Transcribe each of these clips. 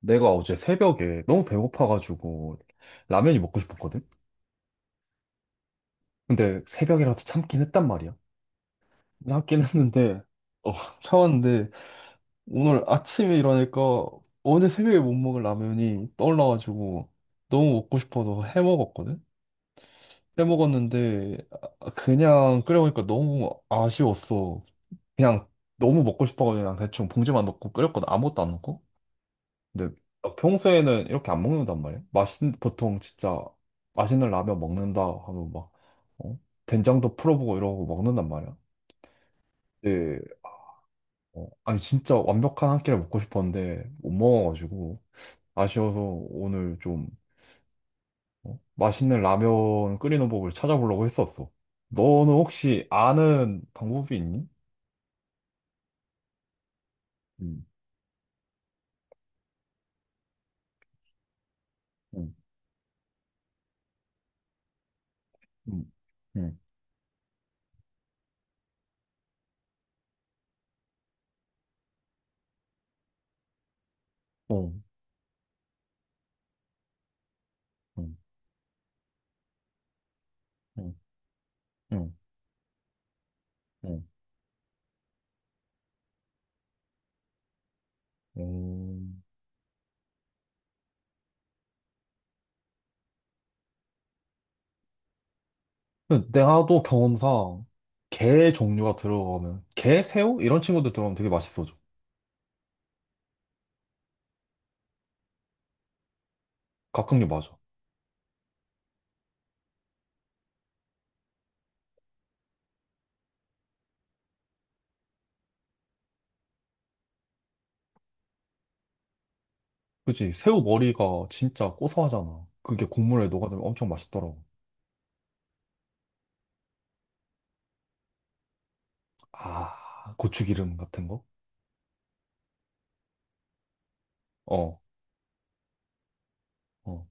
내가 어제 새벽에 너무 배고파가지고 라면이 먹고 싶었거든? 근데 새벽이라서 참긴 했단 말이야. 참긴 했는데, 어, 참았는데, 오늘 아침에 일어나니까 어제 새벽에 못 먹을 라면이 떠올라가지고 너무 먹고 싶어서 해 먹었거든? 해 먹었는데, 아, 그냥 끓여 먹으니까 너무 아쉬웠어. 그냥 너무 먹고 싶어가지고 그냥 대충 봉지만 넣고 끓였거든. 아무것도 안 넣고. 근데 나 평소에는 이렇게 안 먹는단 말이야. 맛있는 보통 진짜 맛있는 라면 먹는다 하면 막 어? 된장도 풀어보고 이러고 먹는단 말이야. 네. 어, 아니 진짜 완벽한 한 끼를 먹고 싶었는데 못 먹어가지고 아쉬워서 오늘 좀 어? 맛있는 라면 끓이는 법을 찾아보려고 했었어. 너는 혹시 아는 방법이 있니? 응, 응, 응, 응, 응, 응, 응, 응, 응. 응. 내가 또 경험상 게 종류가 들어가면 게, 새우 이런 친구들 들어가면 되게 맛있어져. 각각류 맞아. 그치? 새우 머리가 진짜 고소하잖아. 그게 국물에 녹아들면 엄청 맛있더라고. 아, 고추기름 같은 거? 어, 어,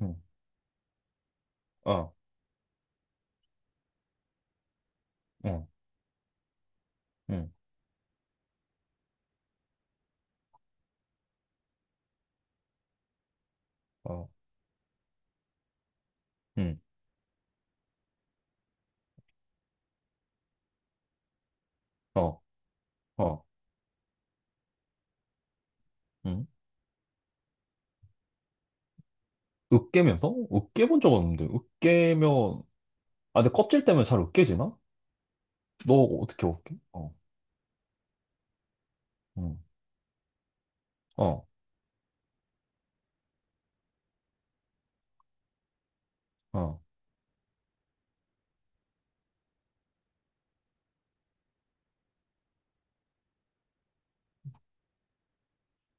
응, 어, 응, 응, 어, 응, 어, 어, 응. 으깨면서? 으깨 본 적 없는데. 으깨면, 아, 근데 껍질 때문에 잘 으깨지나? 너 어떻게 으깨? 어, 응, 어, 어.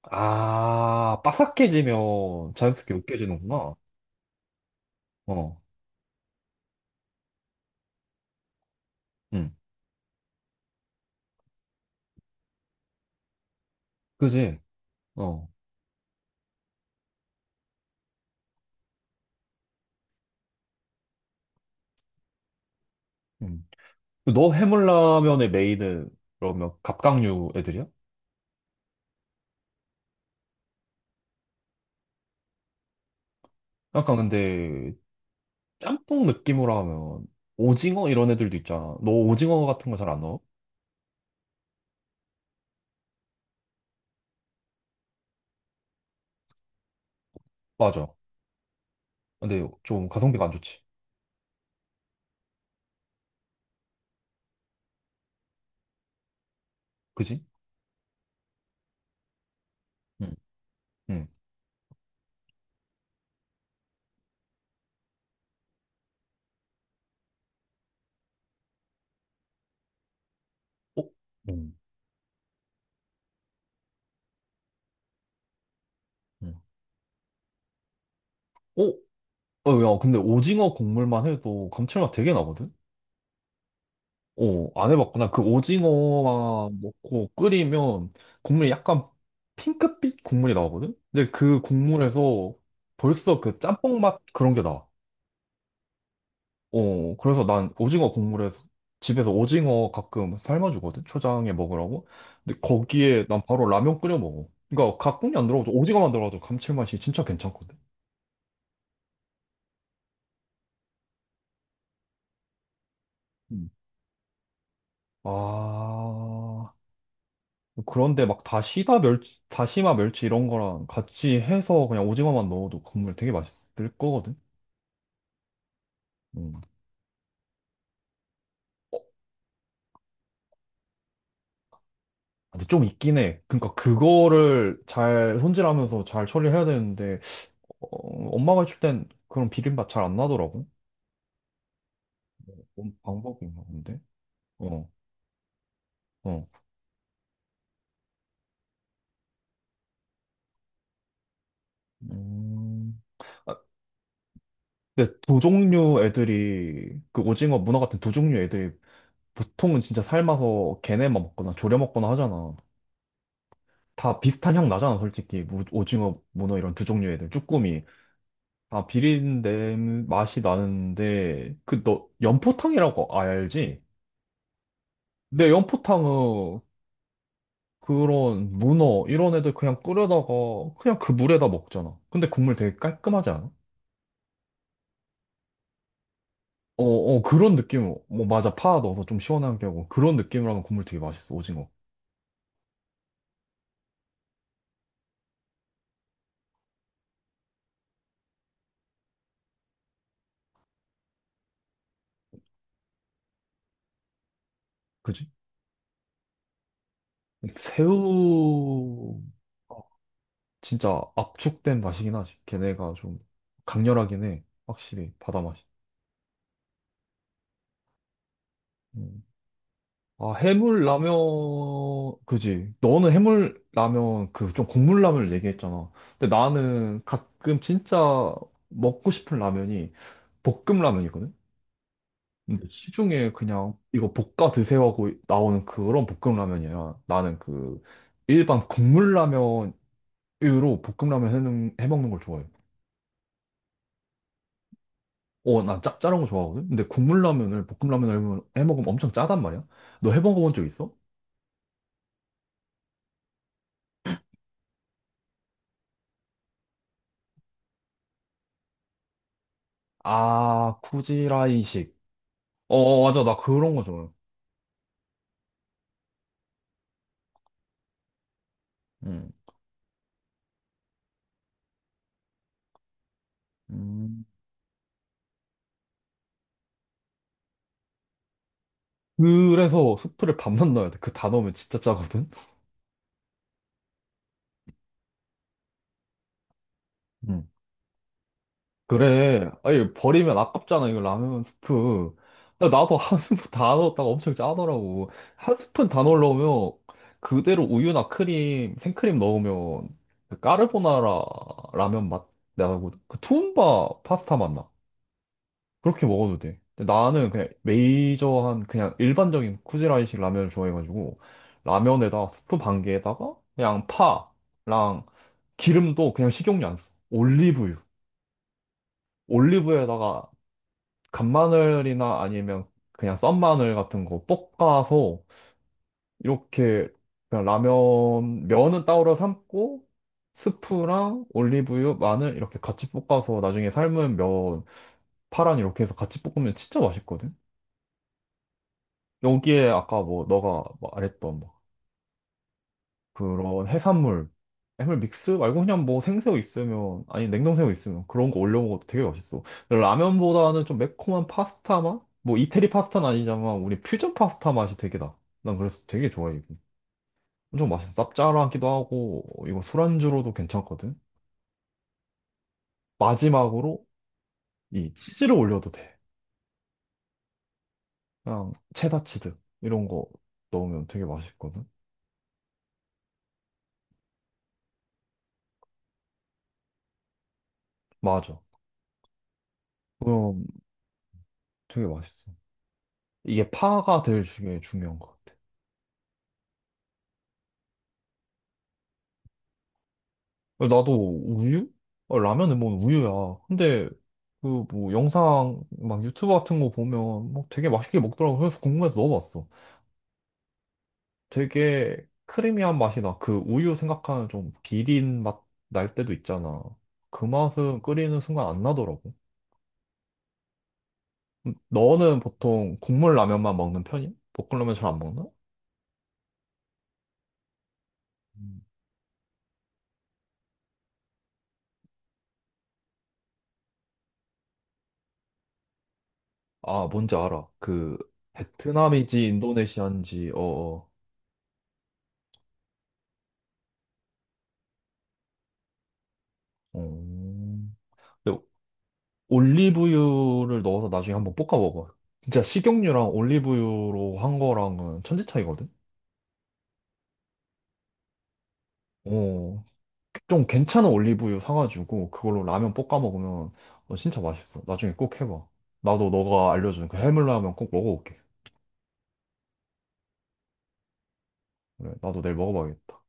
아, 바삭해지면 자연스럽게 으깨지는구나. 어, 응, 그지? 어, 응. 너 해물라면의 메인은 그러면 갑각류 애들이야? 약간 근데 짬뽕 느낌으로 하면 오징어 이런 애들도 있잖아. 너 오징어 같은 거 잘 안 넣어? 맞아. 근데 좀 가성비가 안 좋지. 그지? 응, 응. 어? 응, 응. 어? 어, 야, 근데 오징어 국물만 해도 감칠맛 되게 나거든? 오, 안 해봤구나. 그 오징어만 넣고 끓이면 국물이 약간 핑크빛 국물이 나오거든? 근데 그 국물에서 벌써 그 짬뽕 맛 그런 게 나. 어, 그래서 난 오징어 국물에서 집에서 오징어 가끔 삶아주거든? 초장에 먹으라고. 근데 거기에 난 바로 라면 끓여 먹어. 그러니까 가 국이 안 들어가도 오징어만 들어가도 감칠맛이 진짜 괜찮거든. 음. 아, 그런데 막 다시다 멸치, 다시마 멸치 이런 거랑 같이 해서 그냥 오징어만 넣어도 국물 되게 맛있을 거거든? 음. 어, 근데 좀 있긴 해. 그러니까 그거를 잘 손질하면서 잘 처리해야 되는데, 어, 엄마가 해줄 땐 그런 비린맛 잘 안 나더라고. 뭔 방법 있나? 본데? 어, 어. 음. 아, 근데 두 종류 애들이, 그 오징어 문어 같은 두 종류 애들이 보통은 진짜 삶아서 걔네만 먹거나 졸여 먹거나 하잖아. 다 비슷한 향 나잖아, 솔직히. 오징어, 문어 이런 두 종류의 애들, 쭈꾸미. 다 비린내 맛이 나는데, 그, 너, 연포탕이라고 알지? 내 연포탕은 그런 문어, 이런 애들 그냥 끓여다가, 그냥 그 물에다 먹잖아. 근데 국물 되게 깔끔하지 않아? 어, 어, 그런 느낌, 뭐, 맞아. 파 넣어서 좀 시원하게 하고, 그런 느낌으로 하면 국물 되게 맛있어, 오징어. 그지? 새우, 진짜 압축된 맛이긴 하지. 걔네가 좀 강렬하긴 해. 확실히 바다 맛이. 음. 아, 해물 라면 그지. 너는 해물 라면 그 좀 국물 라면을 얘기했잖아. 근데 나는 가끔 진짜 먹고 싶은 라면이 볶음 라면이거든. 근데 시중에 그냥 이거 볶아 드세요 하고 나오는 그런 볶음 라면이야. 나는 그 일반 국물 라면으로 볶음 라면 해먹는 걸 좋아해. 어, 난 짭짤한 거 좋아하거든? 근데 국물 라면을, 볶음 라면을 해 먹으면 엄청 짜단 말이야? 너 해 먹어본 적 있어? 아, 쿠지라이식. 어, 맞아. 나 그런 거 좋아해. 응. 음, 그래서 수프를 반만 넣어야 돼. 그 다 넣으면 진짜 짜거든? 그래. 아니, 버리면 아깝잖아, 이거 라면 스프. 나도 한 스푼 다 넣었다가 엄청 짜더라고. 한 스푼 다 넣으려면 그대로 우유나 크림, 생크림 넣으면 그 까르보나라 라면 맛 나고, 그 투움바 파스타 맛 나. 그렇게 먹어도 돼. 근데 나는 그냥 메이저한, 그냥 일반적인 쿠지라이식 라면을 좋아해가지고, 라면에다 스프 반 개에다가 그냥 파랑 기름도 그냥 식용유 안 써. 올리브유. 올리브유에다가 간마늘이나 아니면 그냥 썬마늘 같은 거 볶아서 이렇게 그냥 라면 면은 따로 삶고 스프랑 올리브유, 마늘 이렇게 같이 볶아서 나중에 삶은 면 파란 이렇게 해서 같이 볶으면 진짜 맛있거든. 여기에 아까 뭐 너가 말했던 뭐 그런 해산물, 해물 믹스 말고 그냥 뭐 생새우 있으면, 아니 냉동새우 있으면 그런 거 올려 먹어도 되게 맛있어. 근데 라면보다는 좀 매콤한 파스타 맛? 뭐 이태리 파스타는 아니지만 우리 퓨전 파스타 맛이 되게 나. 난 그래서 되게 좋아해, 이거. 엄청 맛있어. 짭짤하기도 하고, 이거 술안주로도 괜찮거든. 마지막으로 이 치즈를 올려도 돼. 그냥 체다 치즈 이런 거 넣으면 되게 맛있거든. 맞아. 그럼 되게 맛있어. 이게 파가 제일 중에 중요한 것 같아. 나도 우유? 어, 라면은 뭐 우유야. 근데 그 뭐 영상 막 유튜브 같은 거 보면 뭐 되게 맛있게 먹더라고. 그래서 궁금해서 넣어봤어. 되게 크리미한 맛이 나. 그 우유 생각하는 좀 비린 맛 날 때도 있잖아. 그 맛은 끓이는 순간 안 나더라고. 너는 보통 국물 라면만 먹는 편이야? 볶음라면 잘 안 먹나? 음. 아, 뭔지 알아. 그 베트남이지 인도네시아인지 어어. 어. 어. 어. 올리브유를 넣어서 나중에 한번 볶아 먹어. 진짜 식용유랑 올리브유로 한 거랑은 천지 차이거든? 어, 좀 괜찮은 올리브유 사가지고 그걸로 라면 볶아 먹으면 어, 진짜 맛있어. 나중에 꼭 해봐. 나도 너가 알려준 그 해물라면 꼭 먹어볼게. 그래, 나도 내일 먹어봐야겠다.